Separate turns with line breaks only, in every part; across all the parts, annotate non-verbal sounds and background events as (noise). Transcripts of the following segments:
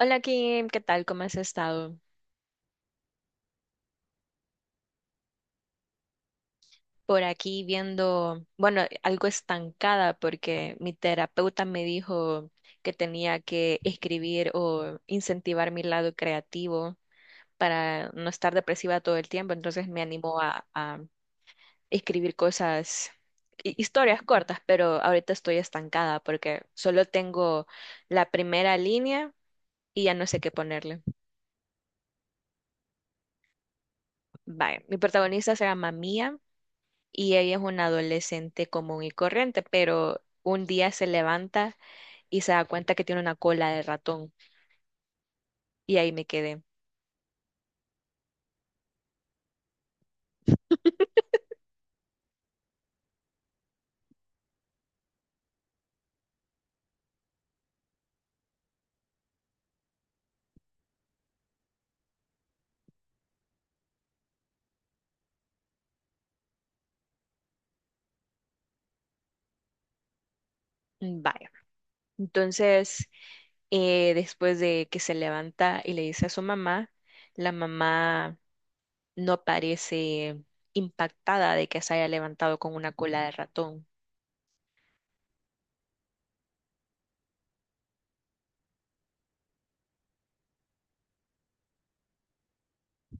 Hola Kim, ¿qué tal? ¿Cómo has estado? Por aquí viendo, bueno, algo estancada porque mi terapeuta me dijo que tenía que escribir o incentivar mi lado creativo para no estar depresiva todo el tiempo, entonces me animó a escribir cosas, historias cortas, pero ahorita estoy estancada porque solo tengo la primera línea y ya no sé qué ponerle. Vaya, mi protagonista se llama Mia y ella es una adolescente común y corriente, pero un día se levanta y se da cuenta que tiene una cola de ratón y ahí me quedé. "Mm, vaya. Entonces, después de que se levanta y le dice a su mamá, la mamá no parece impactada de que se haya levantado con una cola de ratón.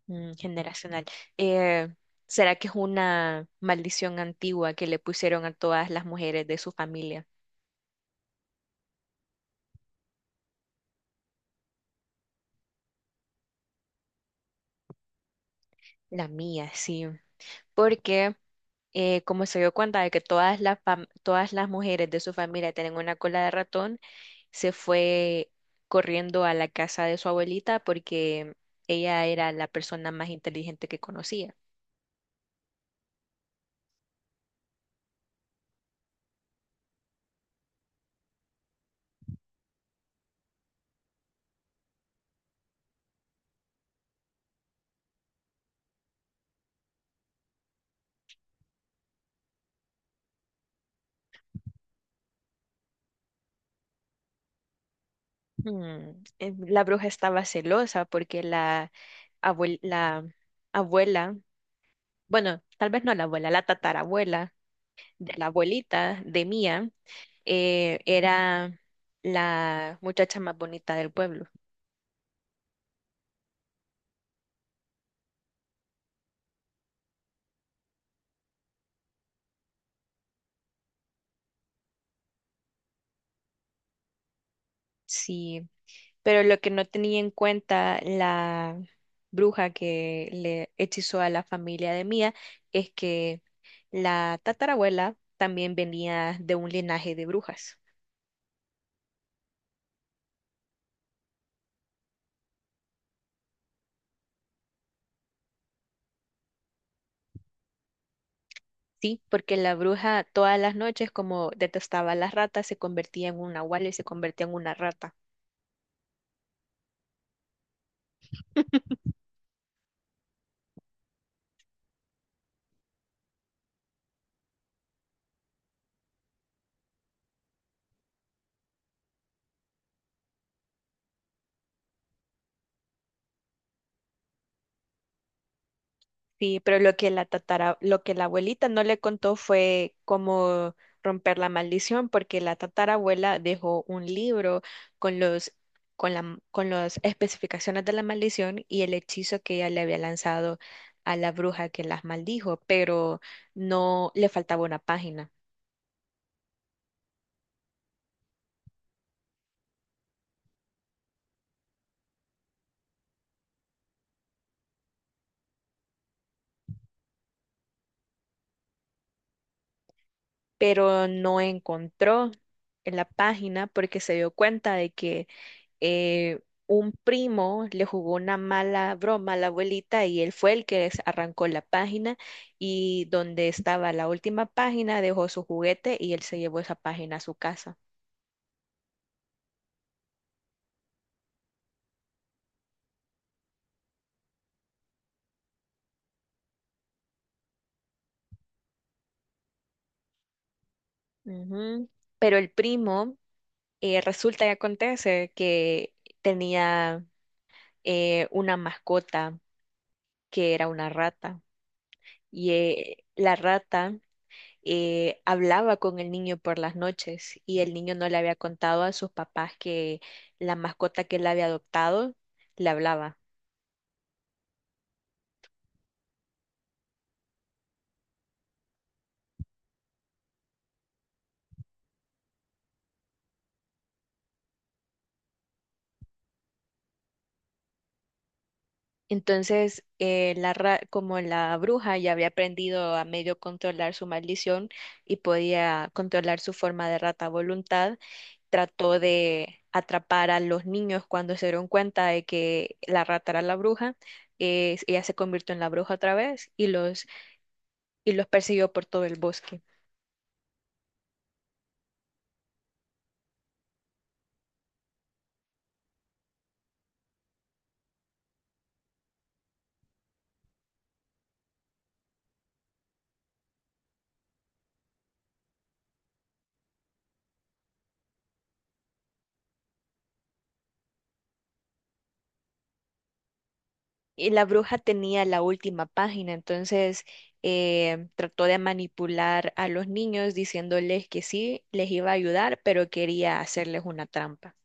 Mm, generacional. Eh, ¿Será que es una maldición antigua que le pusieron a todas las mujeres de su familia? La mía, sí. Porque como se dio cuenta de que todas las mujeres de su familia tienen una cola de ratón, se fue corriendo a la casa de su abuelita porque ella era la persona más inteligente que conocía. Hmm. La bruja estaba celosa porque la abuela, bueno, tal vez no la abuela, la tatarabuela de la abuelita de Mía, era la muchacha más bonita del pueblo. Sí. Pero lo que no tenía en cuenta la bruja que le hechizó a la familia de Mía es que la tatarabuela también venía de un linaje de brujas. Sí, porque la bruja todas las noches, como detestaba a las ratas, se convertía en un nahual y se convertía en una rata. Sí, pero lo que la abuelita no le contó fue cómo romper la maldición, porque la tatarabuela dejó un libro con los, con las especificaciones de la maldición y el hechizo que ella le había lanzado a la bruja que las maldijo, pero no le faltaba una página, pero no encontró en la página porque se dio cuenta de que eh, un primo le jugó una mala broma a la abuelita y él fue el que arrancó la página y donde estaba la última página dejó su juguete y él se llevó esa página a su casa. Ujú. Pero el primo, resulta y acontece que tenía, una mascota que era una rata y la rata hablaba con el niño por las noches y el niño no le había contado a sus papás que la mascota que él había adoptado le hablaba. Entonces, como la bruja ya había aprendido a medio controlar su maldición y podía controlar su forma de rata a voluntad, trató de atrapar a los niños cuando se dieron cuenta de que la rata era la bruja. Ella se convirtió en la bruja otra vez y y los persiguió por todo el bosque. Y la bruja tenía la última página, entonces trató de manipular a los niños diciéndoles que sí, les iba a ayudar, pero quería hacerles una trampa.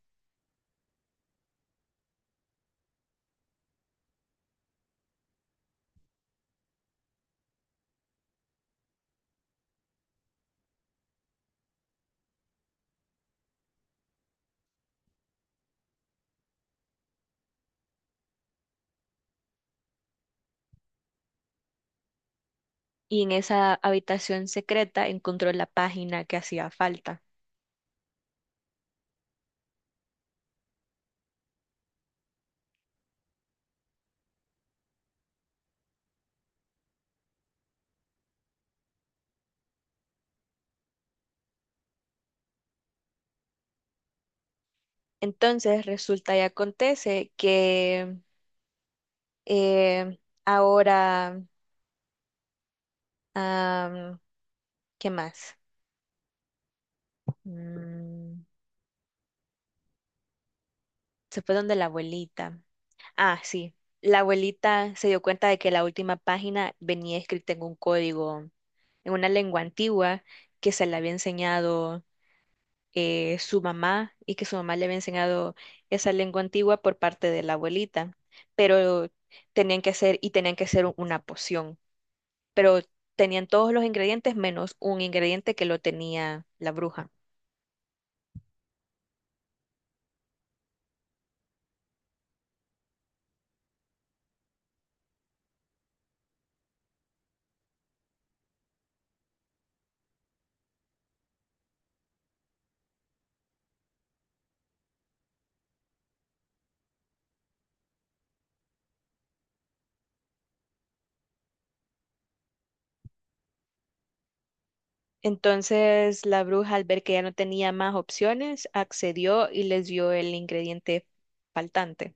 Y en esa habitación secreta encontró la página que hacía falta. Entonces resulta y acontece que eh, ahora, am, ¿qué más? Mm, se fue donde la abuelita. Ah, sí. La abuelita se dio cuenta de que la última página venía escrita en un código, en una lengua antigua que se le había enseñado, su mamá, y que su mamá le había enseñado esa lengua antigua por parte de la abuelita. Pero tenían que hacer y tenían que hacer una poción. Pero tenían todos los ingredientes menos un ingrediente que lo tenía la bruja. Entonces la bruja, al ver que ya no tenía más opciones, accedió y les dio el ingrediente faltante.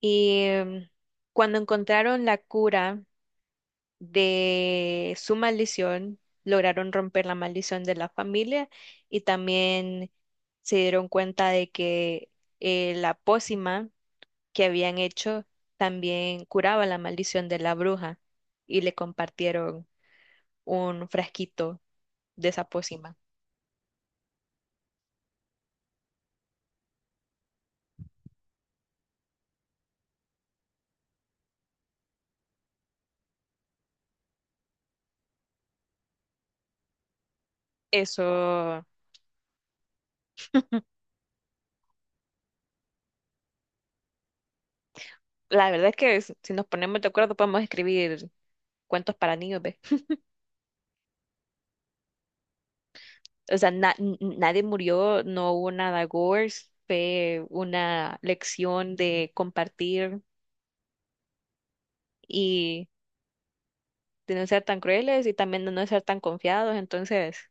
Y em, cuando encontraron la cura de su maldición, lograron romper la maldición de la familia y también se dieron cuenta de que la pócima que habían hecho también curaba la maldición de la bruja y le compartieron un frasquito de esa pócima. Eso, la verdad es que si nos ponemos de acuerdo podemos escribir cuentos para niños. O sea, nadie murió, no hubo nada gore, fue una lección de compartir y de no ser tan crueles y también de no ser tan confiados, entonces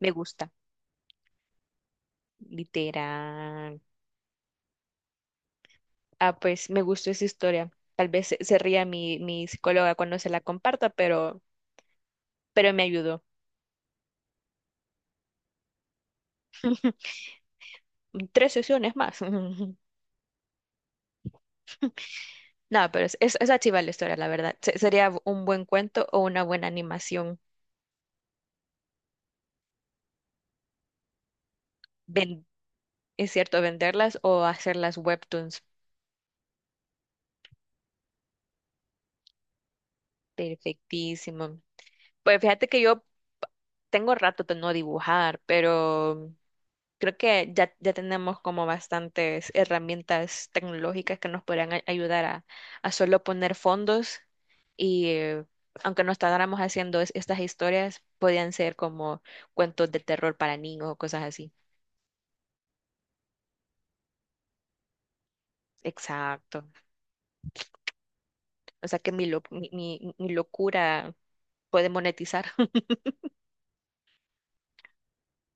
me gusta, literal. Ah, pues me gustó esa historia. Tal vez se ría mi psicóloga cuando se la comparta, pero me ayudó. (laughs) Tres sesiones más. (laughs) No, pero es chiva la historia, la verdad. Sería un buen cuento o una buena animación. Es cierto, venderlas o hacerlas webtoons. Perfectísimo. Pues fíjate que yo tengo rato de no dibujar, pero creo que ya tenemos como bastantes herramientas tecnológicas que nos podrían ayudar a solo poner fondos y aunque no tardáramos haciendo estas historias, podían ser como cuentos de terror para niños o cosas así. Exacto. O sea que mi, lo- mi, mi mi locura puede monetizar. (laughs)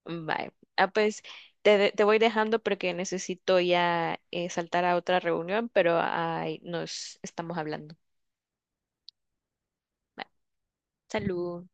Vale. Ah, pues te voy dejando porque necesito ya saltar a otra reunión, pero ahí nos estamos hablando. Bye. Salud.